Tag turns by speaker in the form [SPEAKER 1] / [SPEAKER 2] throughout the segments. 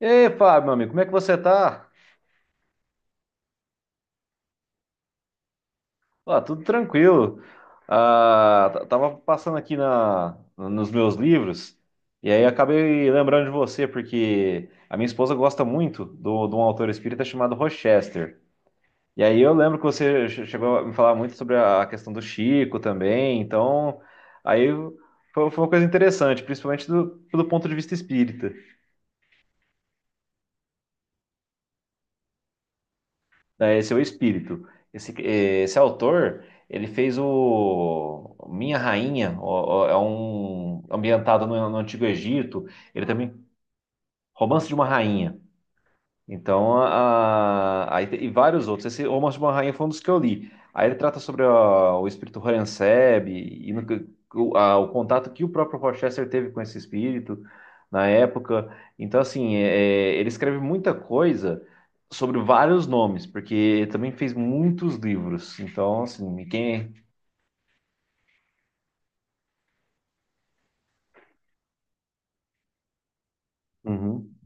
[SPEAKER 1] E aí, Fábio, meu amigo, como é que você tá? Ó, tudo tranquilo. Tava passando aqui nos meus livros e aí acabei lembrando de você, porque a minha esposa gosta muito de um autor espírita chamado Rochester. E aí eu lembro que você chegou a me falar muito sobre a questão do Chico também, então aí foi uma coisa interessante, principalmente pelo ponto de vista espírita. Né, esse é o espírito. Esse autor, ele fez o Minha Rainha, é um ambientado no Antigo Egito. Ele também, Romance de uma Rainha. Então, aí e vários outros. Esse Almas de uma Rainha foi um dos que eu li. Aí ele trata sobre o espírito Horenseb e no que- o, a- o contato que o próprio Rochester teve com esse espírito na época. Então, assim, ele escreve muita coisa sobre vários nomes, porque ele também fez muitos livros. Então, assim, quem. Uhum.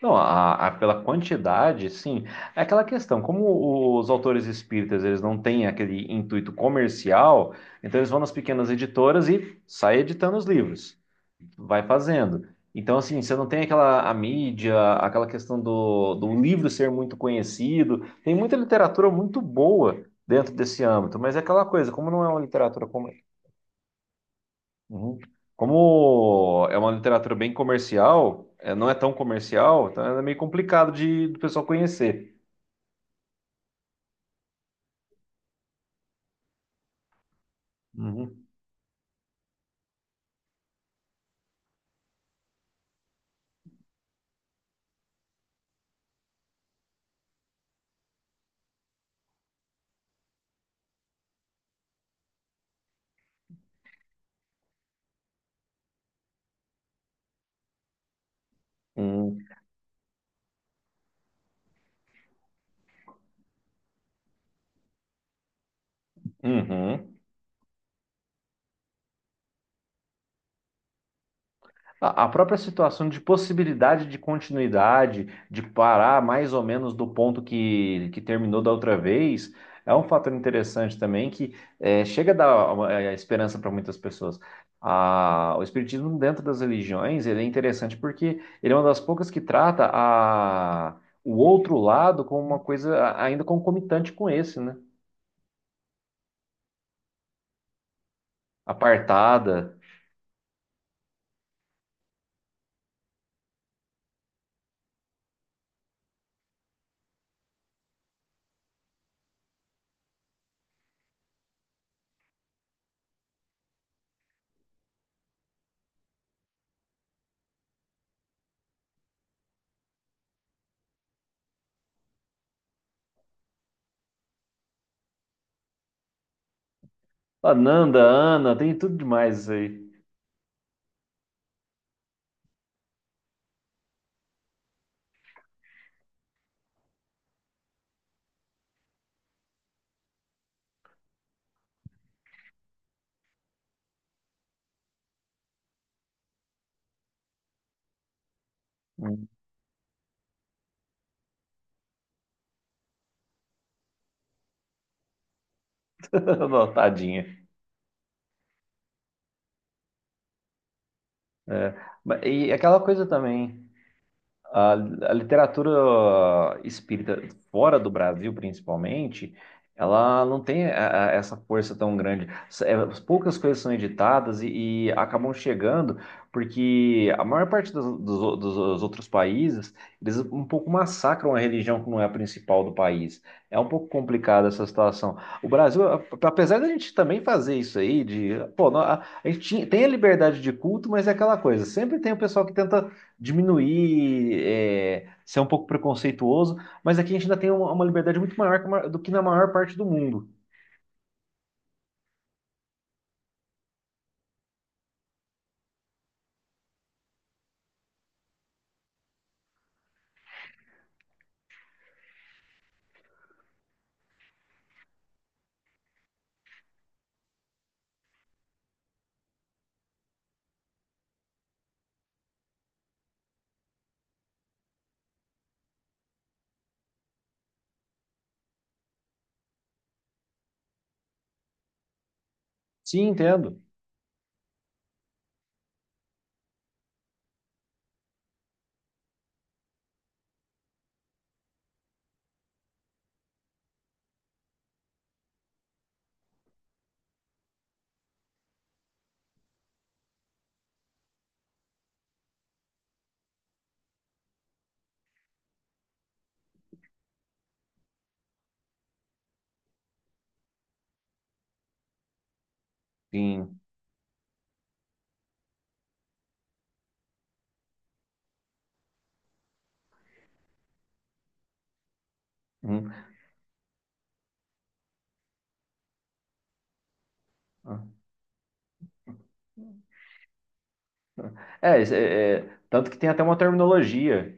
[SPEAKER 1] Não, pela quantidade, sim. É aquela questão, como os autores espíritas eles não têm aquele intuito comercial, então eles vão nas pequenas editoras e sai editando os livros, vai fazendo. Então, assim, você não tem aquela a mídia, aquela questão do livro ser muito conhecido. Tem muita literatura muito boa dentro desse âmbito, mas é aquela coisa, como não é uma literatura. Uhum. Como é uma literatura bem comercial, é, não é tão comercial, então é meio complicado de do pessoal conhecer. Uhum. Uhum. Uhum. A própria situação de possibilidade de continuidade, de parar mais ou menos do ponto que terminou da outra vez, é um fator interessante também que chega a dar uma, esperança para muitas pessoas. Ah, o Espiritismo dentro das religiões, ele é interessante porque ele é uma das poucas que trata o outro lado como uma coisa ainda concomitante com esse, né? Apartada, Ananda, Ana, tem tudo demais isso aí. Tadinha. É. E aquela coisa também. A literatura espírita, fora do Brasil principalmente, ela não tem essa força tão grande. Poucas coisas são editadas e acabam chegando, porque a maior parte dos outros países, eles um pouco massacram a religião que não é a principal do país. É um pouco complicada essa situação. O Brasil, apesar da gente também fazer isso aí, pô, tem a liberdade de culto, mas é aquela coisa, sempre tem o pessoal que tenta diminuir, ser um pouco preconceituoso, mas aqui a gente ainda tem uma liberdade muito maior do que na maior parte do mundo. Sim, entendo. Sim. Hum. É, é, é, tanto que tem até uma terminologia.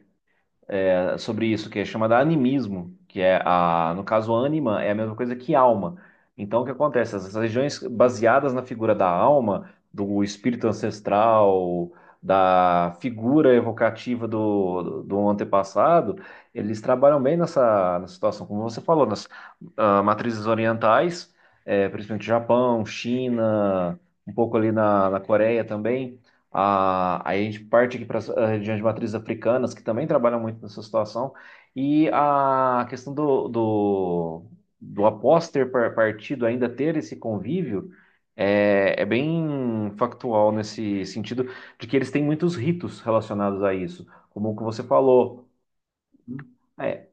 [SPEAKER 1] É, sobre isso, que é da animismo, que é a, no caso, ânima é a mesma coisa que alma. Então, o que acontece? Essas regiões baseadas na figura da alma, do espírito ancestral, da figura evocativa do antepassado, eles trabalham bem nessa situação, como você falou, nas matrizes orientais, principalmente Japão, China, um pouco ali na Coreia também. Aí a gente parte aqui para as regiões de matrizes africanas, que também trabalham muito nessa situação, e a questão do após ter partido ainda ter esse convívio é bem factual nesse sentido de que eles têm muitos ritos relacionados a isso, como o que você falou. É,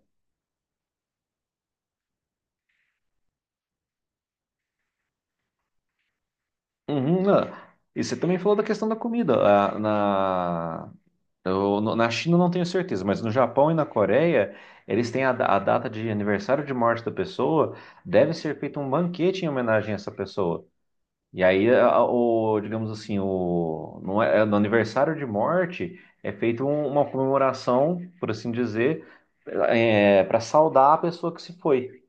[SPEAKER 1] uhum, não. E você também falou da questão da comida. Na China eu não tenho certeza, mas no Japão e na Coreia, eles têm a data de aniversário de morte da pessoa, deve ser feito um banquete em homenagem a essa pessoa. E aí, digamos assim, não é, no aniversário de morte é feita uma comemoração, por assim dizer, para saudar a pessoa que se foi.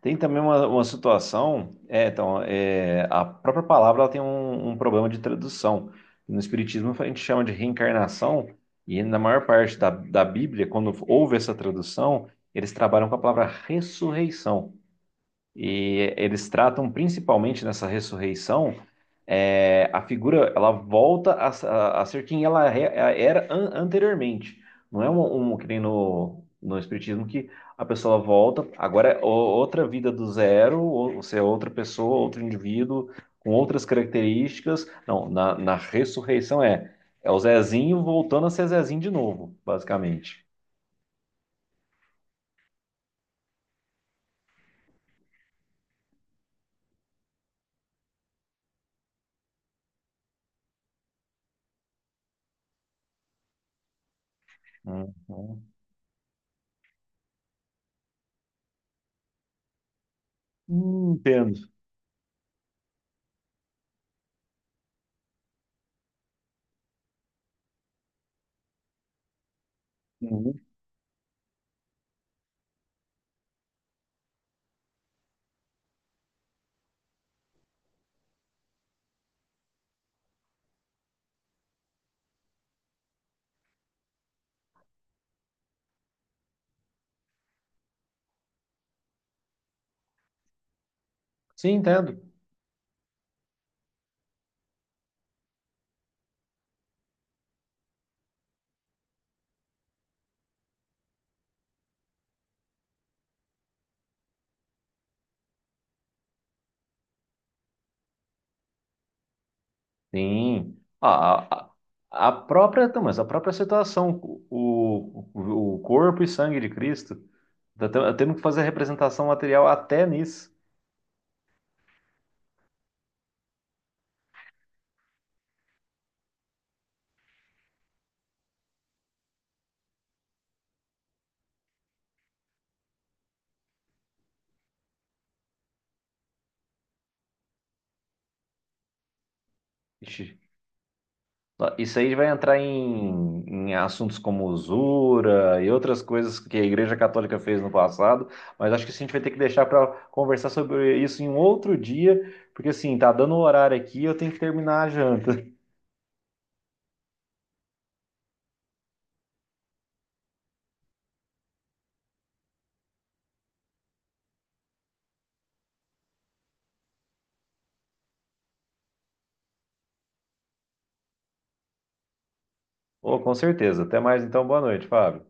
[SPEAKER 1] Tem também uma situação, então, a própria palavra ela tem um problema de tradução. No Espiritismo a gente chama de reencarnação, e na maior parte da Bíblia, quando houve essa tradução, eles trabalham com a palavra ressurreição. E eles tratam principalmente nessa ressurreição, a figura ela volta a ser quem ela era anteriormente. Não é um que nem no Espiritismo que a pessoa volta, agora é outra vida do zero, ou você é outra pessoa, outro indivíduo, com outras características. Não, na ressurreição é o Zezinho voltando a ser Zezinho de novo, basicamente. Uhum. Entendo. Uhum. Sim, entendo. Sim. Ah, a própria, não, mas a própria situação, o corpo e sangue de Cristo, tá temos que fazer a representação material até nisso. Ixi, isso aí vai entrar em assuntos como usura e outras coisas que a Igreja Católica fez no passado, mas acho que isso a gente vai ter que deixar para conversar sobre isso em um outro dia, porque assim, tá dando o horário aqui, e eu tenho que terminar a janta. Oh, com certeza. Até mais então, boa noite, Fábio.